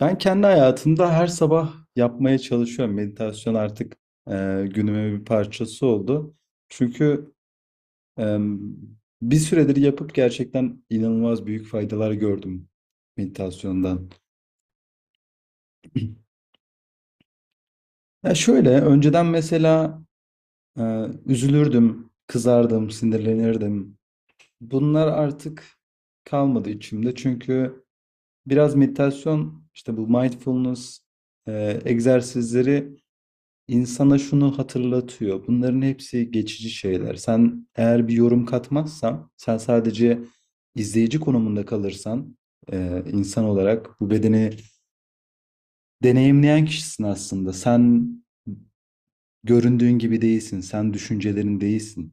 Ben kendi hayatımda her sabah yapmaya çalışıyorum. Meditasyon artık günümün bir parçası oldu. Çünkü e, bir süredir yapıp gerçekten inanılmaz büyük faydalar gördüm meditasyondan. Ya şöyle, önceden mesela e, üzülürdüm, kızardım, sinirlenirdim. Bunlar artık kalmadı içimde. Çünkü biraz meditasyon, işte bu mindfulness egzersizleri insana şunu hatırlatıyor. Bunların hepsi geçici şeyler. Sen eğer bir yorum katmazsan, sen sadece izleyici konumunda kalırsan, insan olarak bu bedeni deneyimleyen kişisin aslında. Sen göründüğün gibi değilsin, sen düşüncelerin değilsin.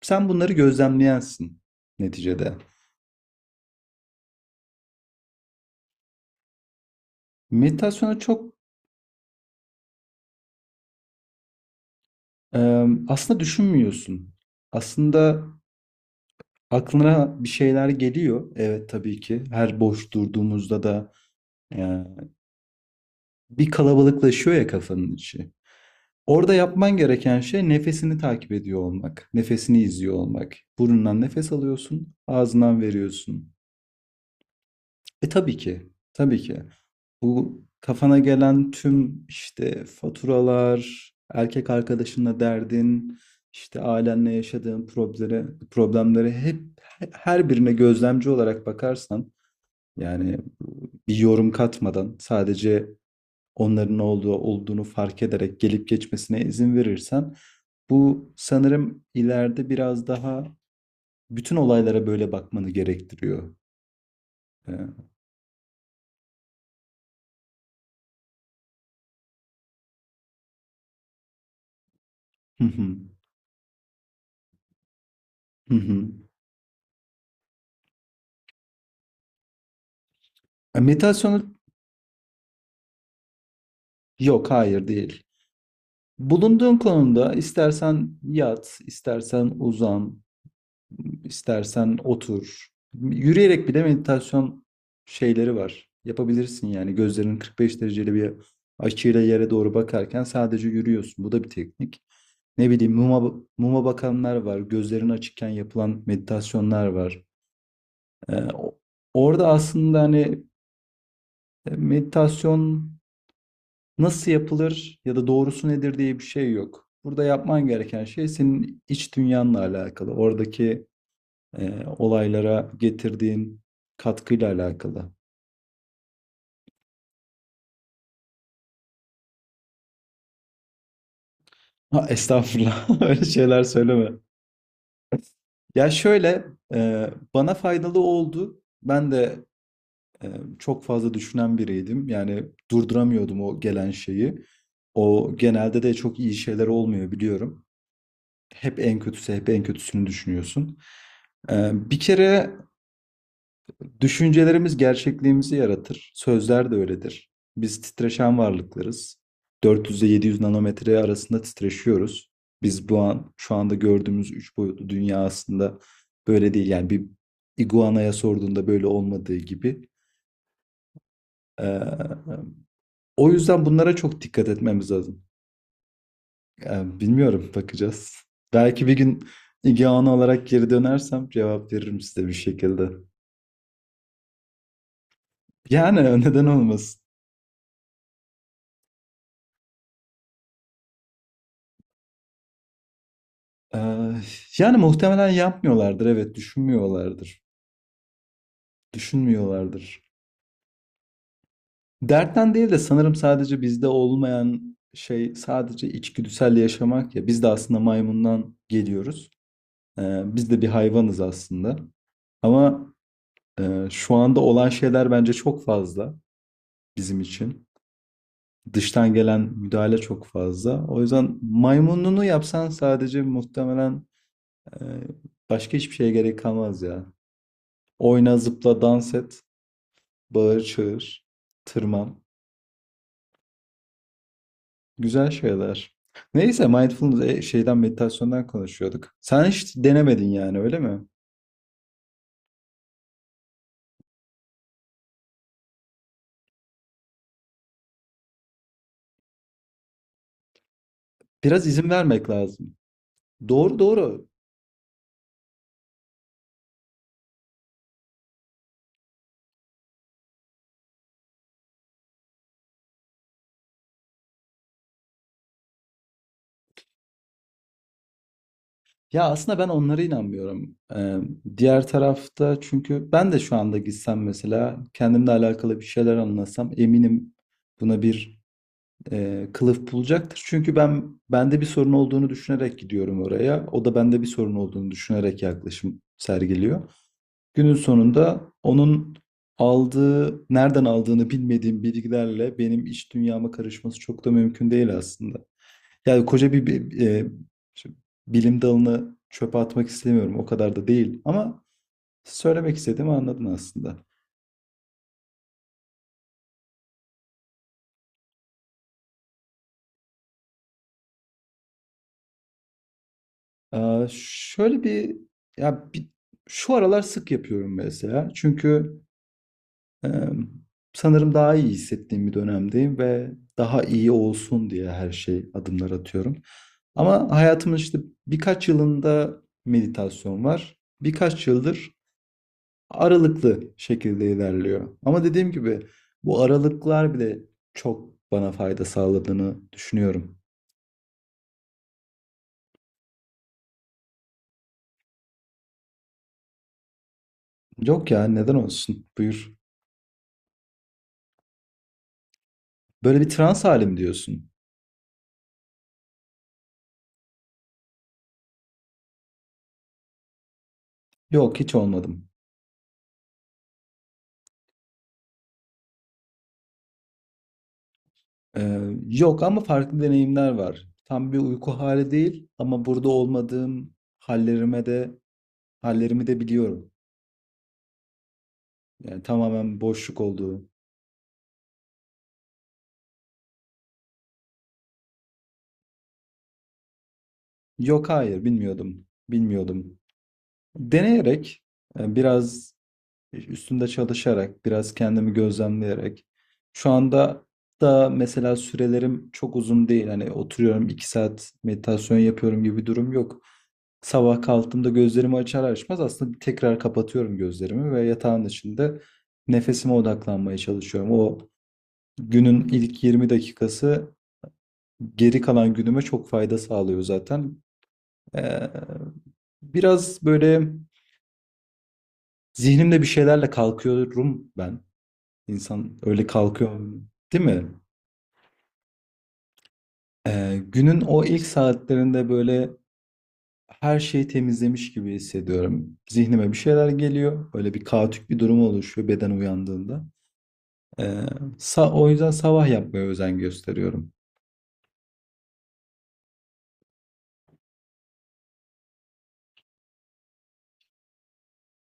Sen bunları gözlemleyensin neticede. Meditasyona çok e, aslında düşünmüyorsun. Aslında aklına bir şeyler geliyor. Evet tabii ki. Her boş durduğumuzda da e, bir kalabalıklaşıyor ya kafanın içi. Orada yapman gereken şey nefesini takip ediyor olmak. Nefesini izliyor olmak. Burnundan nefes alıyorsun, ağzından veriyorsun. E tabii ki, tabii ki. Bu kafana gelen tüm işte faturalar, erkek arkadaşınla derdin, işte ailenle yaşadığın problemlere hep her birine gözlemci olarak bakarsan yani bir yorum katmadan sadece onların ne olduğunu fark ederek gelip geçmesine izin verirsen bu sanırım ileride biraz daha bütün olaylara böyle bakmanı gerektiriyor. Hı hı, hı hı. E, meditasyonu yok hayır değil. Bulunduğun konumda istersen yat, istersen uzan, istersen otur. Yürüyerek bile meditasyon şeyleri var. Yapabilirsin yani gözlerin 45 dereceli bir açıyla yere doğru bakarken sadece yürüyorsun. Bu da bir teknik. Ne bileyim muma bakanlar var, gözlerin açıkken yapılan meditasyonlar var. Ee, o- orada aslında hani meditasyon nasıl yapılır ya da doğrusu nedir diye bir şey yok. Burada yapman gereken şey senin iç dünyanla alakalı, oradaki olaylara getirdiğin katkıyla alakalı. Ha, estağfurullah, öyle şeyler söyleme. Ya şöyle, bana faydalı oldu. Ben de e, çok fazla düşünen biriydim. Yani durduramıyordum o gelen şeyi. O genelde de çok iyi şeyler olmuyor biliyorum. Hep en kötüsü, hep en kötüsünü düşünüyorsun. E, bir kere düşüncelerimiz gerçekliğimizi yaratır. Sözler de öyledir. Biz titreşen varlıklarız. 400 ile 700 nanometre arasında titreşiyoruz. Biz bu an şu anda gördüğümüz üç boyutlu dünya aslında böyle değil. Yani bir iguanaya sorduğunda böyle olmadığı gibi. Ee, O yüzden bunlara çok dikkat etmemiz lazım. Yani bilmiyorum, bakacağız. Belki bir gün ilgi alanı olarak geri dönersem cevap veririm size bir şekilde. Yani neden olmasın? Ee, yani muhtemelen yapmıyorlardır, evet düşünmüyorlardır. Düşünmüyorlardır. Dertten değil de sanırım sadece bizde olmayan şey sadece içgüdüsel yaşamak ya. Biz de aslında maymundan geliyoruz. Biz de bir hayvanız aslında. Ama şu anda olan şeyler bence çok fazla bizim için. Dıştan gelen müdahale çok fazla. O yüzden maymununu yapsan sadece muhtemelen e, başka hiçbir şeye gerek kalmaz ya. Oyna, zıpla, dans et, bağır, çağır, tırman. Güzel şeyler. Neyse mindfulness şeyden meditasyondan konuşuyorduk. Sen hiç denemedin yani öyle mi? Biraz izin vermek lazım. Doğru doğru. Ya aslında ben onlara inanmıyorum. Diğer tarafta çünkü ben de şu anda gitsem mesela kendimle alakalı bir şeyler anlasam eminim buna bir kılıf bulacaktır. Çünkü ben bende bir sorun olduğunu düşünerek gidiyorum oraya. O da bende bir sorun olduğunu düşünerek yaklaşım sergiliyor. Günün sonunda onun aldığı, nereden aldığını bilmediğim bilgilerle benim iç dünyama karışması çok da mümkün değil aslında. Yani koca bir, şimdi bilim dalını çöpe atmak istemiyorum. O kadar da değil. Ama söylemek istediğimi anladın aslında. Şöyle bir ya bir, şu aralar sık yapıyorum mesela. Çünkü e, sanırım daha iyi hissettiğim bir dönemdeyim ve daha iyi olsun diye her şey adımlar atıyorum. Ama hayatımın işte birkaç yılında meditasyon var. Birkaç yıldır aralıklı şekilde ilerliyor. Ama dediğim gibi bu aralıklar bile çok bana fayda sağladığını düşünüyorum. Yok ya neden olsun? Buyur. Böyle bir trans halim diyorsun. Yok hiç olmadım. Ee, yok ama farklı deneyimler var. Tam bir uyku hali değil ama burada olmadığım hallerime de hallerimi de biliyorum. Yani tamamen boşluk olduğu. Yok hayır bilmiyordum. Bilmiyordum. Deneyerek biraz üstünde çalışarak, biraz kendimi gözlemleyerek. Şu anda da mesela sürelerim çok uzun değil. Hani oturuyorum iki saat meditasyon yapıyorum gibi bir durum yok. Sabah kalktığımda gözlerimi açar açmaz aslında tekrar kapatıyorum gözlerimi ve yatağın içinde nefesime odaklanmaya çalışıyorum. O günün ilk 20 dakikası geri kalan günüme çok fayda sağlıyor zaten. Ee, biraz böyle zihnimde bir şeylerle kalkıyorum ben. İnsan öyle kalkıyor, değil mi? Günün o ilk saatlerinde böyle her şeyi temizlemiş gibi hissediyorum. Zihnime bir şeyler geliyor. Böyle bir kaotik bir durum oluşuyor beden uyandığında. Ee, o yüzden sabah yapmaya özen gösteriyorum.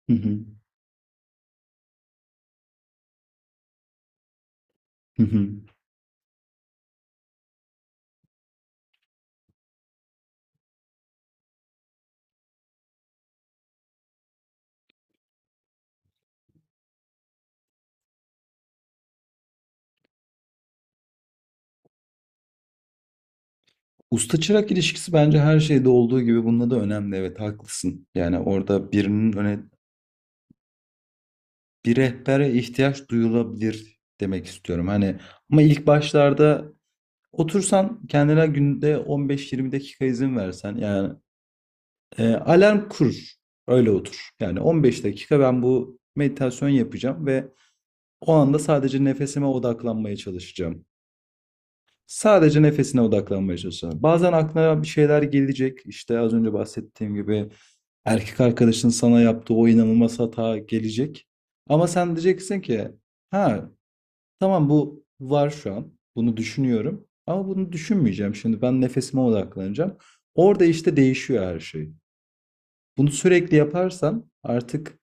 Hı hı. Hı hı. Usta çırak ilişkisi bence her şeyde olduğu gibi bunda da önemli. Evet haklısın. Yani orada birinin öne bir rehbere ihtiyaç duyulabilir demek istiyorum. Hani ama ilk başlarda otursan kendine günde 15-20 dakika izin versen yani alarm kur. Öyle otur. Yani 15 dakika ben bu meditasyon yapacağım ve o anda sadece nefesime odaklanmaya çalışacağım. Sadece nefesine odaklanmaya çalışacağım. Bazen aklına bir şeyler gelecek. İşte az önce bahsettiğim gibi erkek arkadaşın sana yaptığı o inanılmaz hata gelecek. Ama sen diyeceksin ki ha, tamam bu var şu an. Bunu düşünüyorum. Ama bunu düşünmeyeceğim şimdi. Ben nefesime odaklanacağım. Orada işte değişiyor her şey. Bunu sürekli yaparsan artık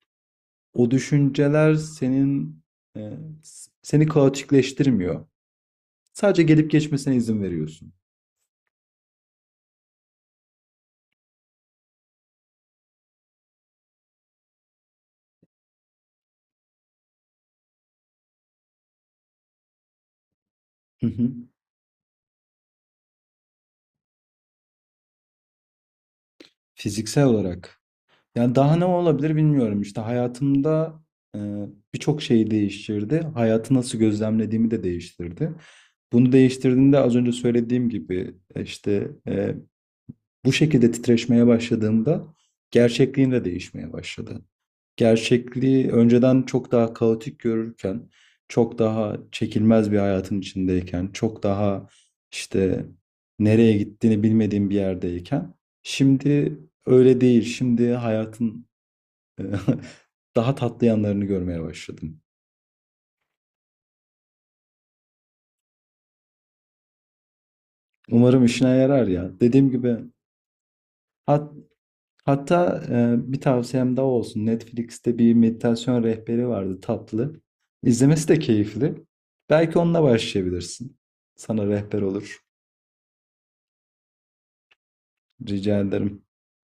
o düşünceler senin seni kaotikleştirmiyor. Sadece gelip geçmesine izin veriyorsun. Hı hı. Fiziksel olarak. Yani daha ne olabilir bilmiyorum. İşte hayatımda e, birçok şeyi değiştirdi. Hayatı nasıl gözlemlediğimi de değiştirdi. Bunu değiştirdiğinde az önce söylediğim gibi işte bu şekilde titreşmeye başladığımda gerçekliğim de değişmeye başladı. Gerçekliği önceden çok daha kaotik görürken, çok daha çekilmez bir hayatın içindeyken, çok daha işte nereye gittiğini bilmediğim bir yerdeyken, şimdi öyle değil. Şimdi hayatın Eee, daha tatlı yanlarını görmeye başladım. Umarım işine yarar ya. Dediğim gibi hat, hatta bir tavsiyem daha olsun. Netflix'te bir meditasyon rehberi vardı tatlı. İzlemesi de keyifli. Belki onunla başlayabilirsin. Sana rehber olur. Rica ederim.